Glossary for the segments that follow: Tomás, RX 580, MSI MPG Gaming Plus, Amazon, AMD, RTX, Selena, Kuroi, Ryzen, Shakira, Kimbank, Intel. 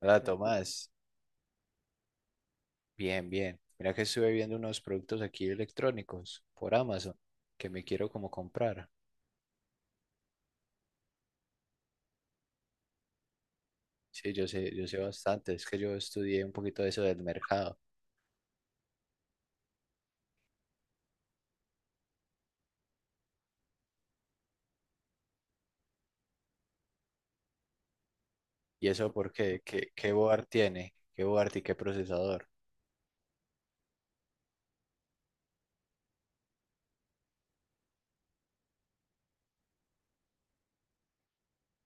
Hola Tomás, bien, bien. Mira que estuve viendo unos productos aquí electrónicos por Amazon que me quiero como comprar. Sí, yo sé bastante, es que yo estudié un poquito de eso del mercado. ¿Y eso porque ¿Qué, board tiene? ¿Qué board y qué procesador?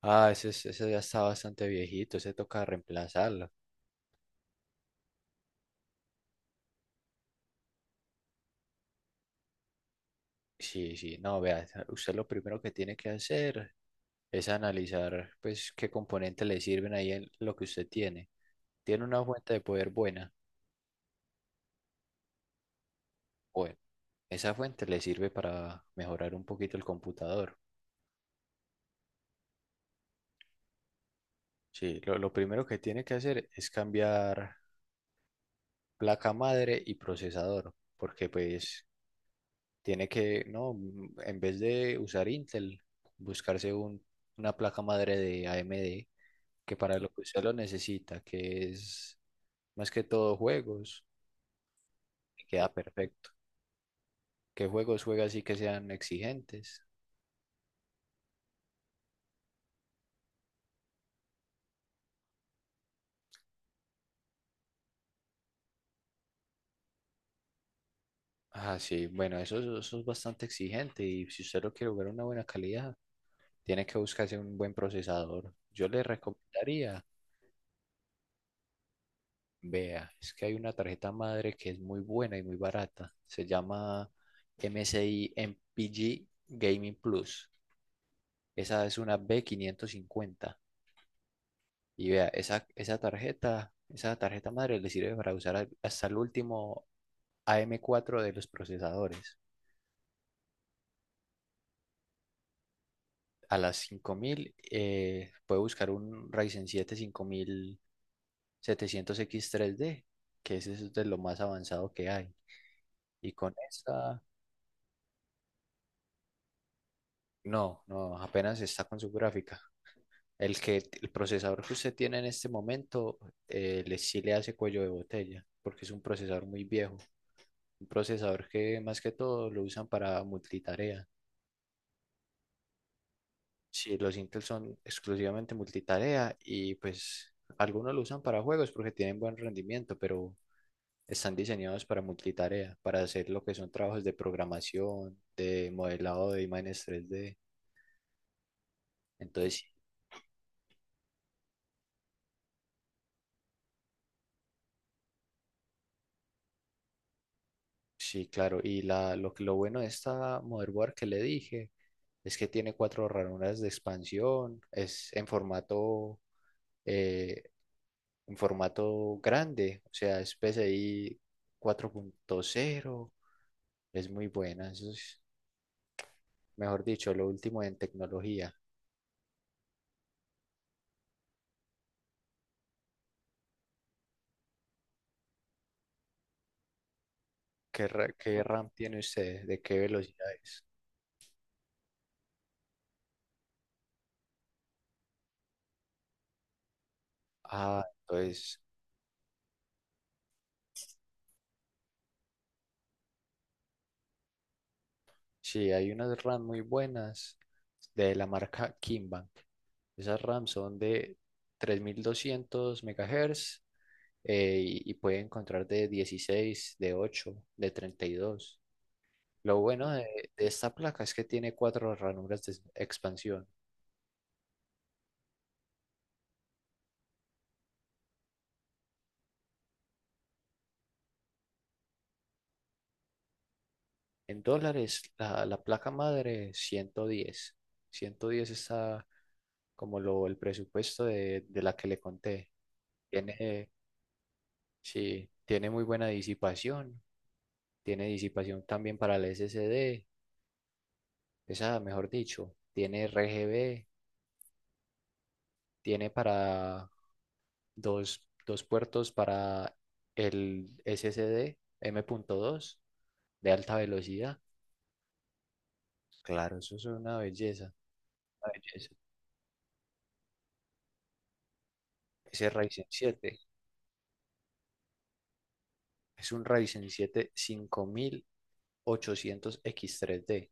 Ah, ese, ese ya está bastante viejito, ese toca reemplazarlo. Sí, sí, no, vea, usted lo primero que tiene que hacer es analizar pues qué componentes le sirven ahí en lo que usted tiene. Tiene una fuente de poder buena. Bueno, esa fuente le sirve para mejorar un poquito el computador. Sí, lo primero que tiene que hacer es cambiar placa madre y procesador, porque pues tiene que, no, en vez de usar Intel, buscarse una placa madre de AMD, que para lo que usted lo necesita, que es más que todo juegos, y queda perfecto. ¿Qué juegos juega así que sean exigentes? Ah, sí, bueno, eso es bastante exigente y si usted lo quiere jugar a una buena calidad, tiene que buscarse un buen procesador. Yo le recomendaría, vea, es que hay una tarjeta madre que es muy buena y muy barata. Se llama MSI MPG Gaming Plus. Esa es una B550. Y vea, esa tarjeta madre le sirve para usar hasta el último AM4 de los procesadores. A las 5000, puede buscar un Ryzen siete 5700 x tres d, que ese es de lo más avanzado que hay. Y con esta, no, no, apenas está con su gráfica. El procesador que usted tiene en este momento, sí le hace cuello de botella, porque es un procesador muy viejo. Un procesador que más que todo lo usan para multitarea. Sí, los Intel son exclusivamente multitarea y pues algunos lo usan para juegos porque tienen buen rendimiento, pero están diseñados para multitarea, para hacer lo que son trabajos de programación, de modelado de imágenes 3D. Entonces, sí, claro. Y lo bueno de esta motherboard que le dije es que tiene cuatro ranuras de expansión, es eh, en formato grande, o sea, es P C I 4.0. Es muy buena, eso es, mejor dicho, lo último en tecnología. ¿Qué, qué RAM tiene usted? ¿De qué velocidad es? Ah, entonces sí, hay unas RAM muy buenas de la marca Kimbank. Esas RAM son de 3200 MHz y, puede encontrar de 16, de 8, de 32. Lo bueno de esta placa es que tiene cuatro ranuras de expansión. En dólares, la placa madre 110, 110 está como el presupuesto de la que le conté. Tiene, sí, tiene muy buena disipación, tiene disipación también para el SSD, esa, mejor dicho, tiene RGB, tiene para dos puertos para el SSD dos de alta velocidad. Claro, eso es una belleza, una belleza. Ese Ryzen siete es un Ryzen siete 5800 x tres d.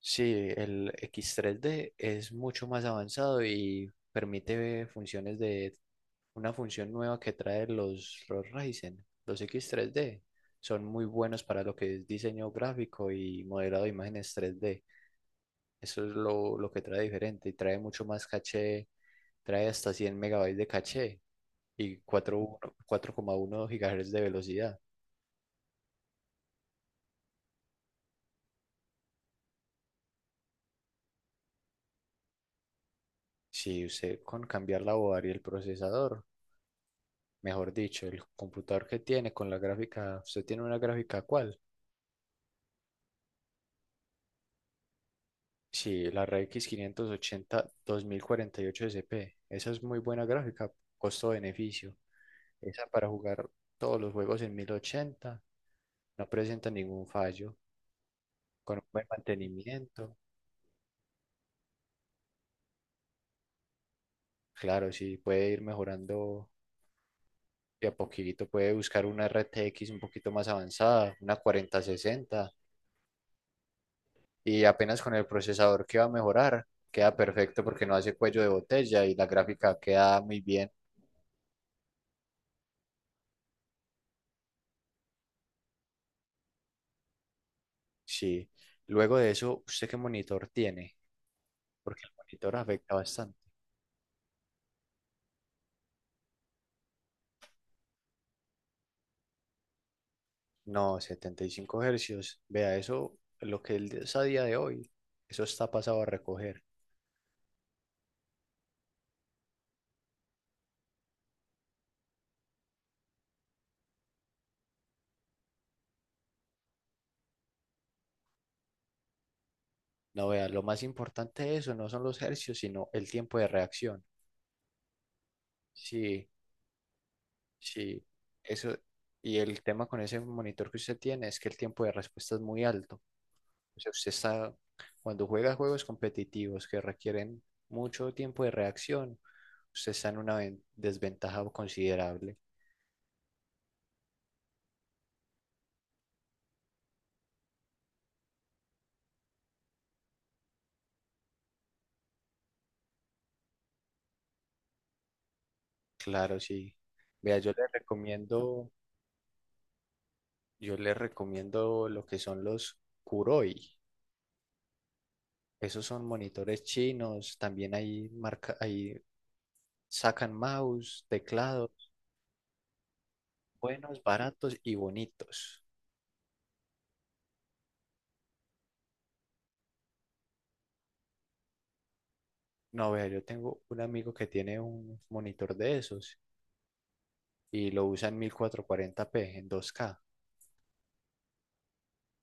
Sí, el x tres d es mucho más avanzado y permite funciones de una función nueva que trae los Ryzen, los X3D. Son muy buenos para lo que es diseño gráfico y modelado de imágenes 3D. Eso es lo que trae diferente y trae mucho más caché, trae hasta 100 megabytes de caché y 4 4,1 gigahertz de velocidad. Si usted con cambiar la board y el procesador, mejor dicho, el computador que tiene con la gráfica, usted tiene una gráfica, ¿cuál? Sí, la RX 580 2048 SP. Esa es muy buena gráfica, costo-beneficio. Esa para jugar todos los juegos en 1080, no presenta ningún fallo. Con un buen mantenimiento. Claro, sí, puede ir mejorando de a poquito. Puede buscar una RTX un poquito más avanzada, una 4060, y apenas con el procesador que va a mejorar, queda perfecto porque no hace cuello de botella y la gráfica queda muy bien. Sí. Luego de eso, ¿usted qué monitor tiene? Porque el monitor afecta bastante. No, 75 hercios. Vea, eso, lo que él es a día de hoy, eso está pasado a recoger. No, vea, lo más importante de eso no son los hercios, sino el tiempo de reacción. Sí, sí. Eso, y el tema con ese monitor que usted tiene es que el tiempo de respuesta es muy alto. O sea, usted está, cuando juega juegos competitivos que requieren mucho tiempo de reacción, usted está en una desventaja considerable. Claro, sí. Vea, yo le recomiendo lo que son los Kuroi. Esos son monitores chinos, también hay marca, hay sacan mouse, teclados, buenos, baratos y bonitos. No, vea, yo tengo un amigo que tiene un monitor de esos y lo usa en 1440p en 2K.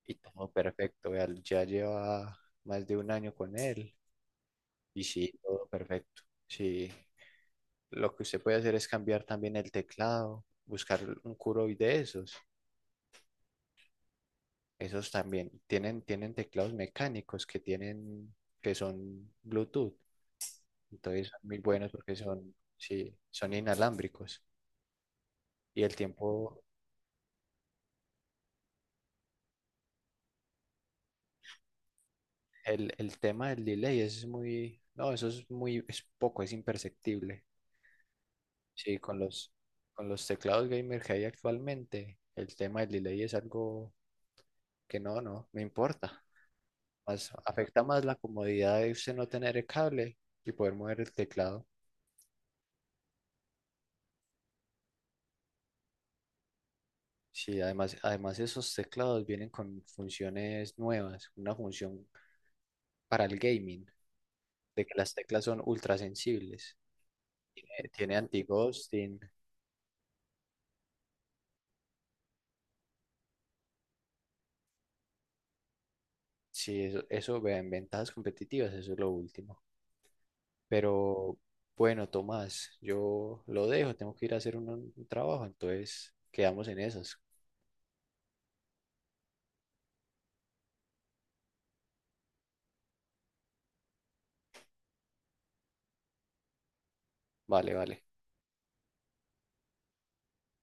Y todo perfecto, vea, ya lleva más de un año con él y sí, todo perfecto. Sí, lo que usted puede hacer es cambiar también el teclado, buscar un Kuroi de esos. Esos también tienen teclados mecánicos que tienen, que son Bluetooth. Entonces son muy buenos porque son, sí, son inalámbricos. Y el tiempo, el tema del delay es muy, no, eso es muy, es poco, es imperceptible. Sí, con los teclados gamer que hay actualmente, el tema del delay es algo que no, no, no importa. Más, afecta más la comodidad de usted no tener el cable y poder mover el teclado. Sí, además, además esos teclados vienen con funciones nuevas, una función para el gaming, de que las teclas son ultra sensibles. Tiene anti-ghosting, sí, eso vean, ventajas competitivas, eso es lo último. Pero bueno, Tomás, yo lo dejo, tengo que ir a hacer un trabajo, entonces quedamos en esas. Vale, vale.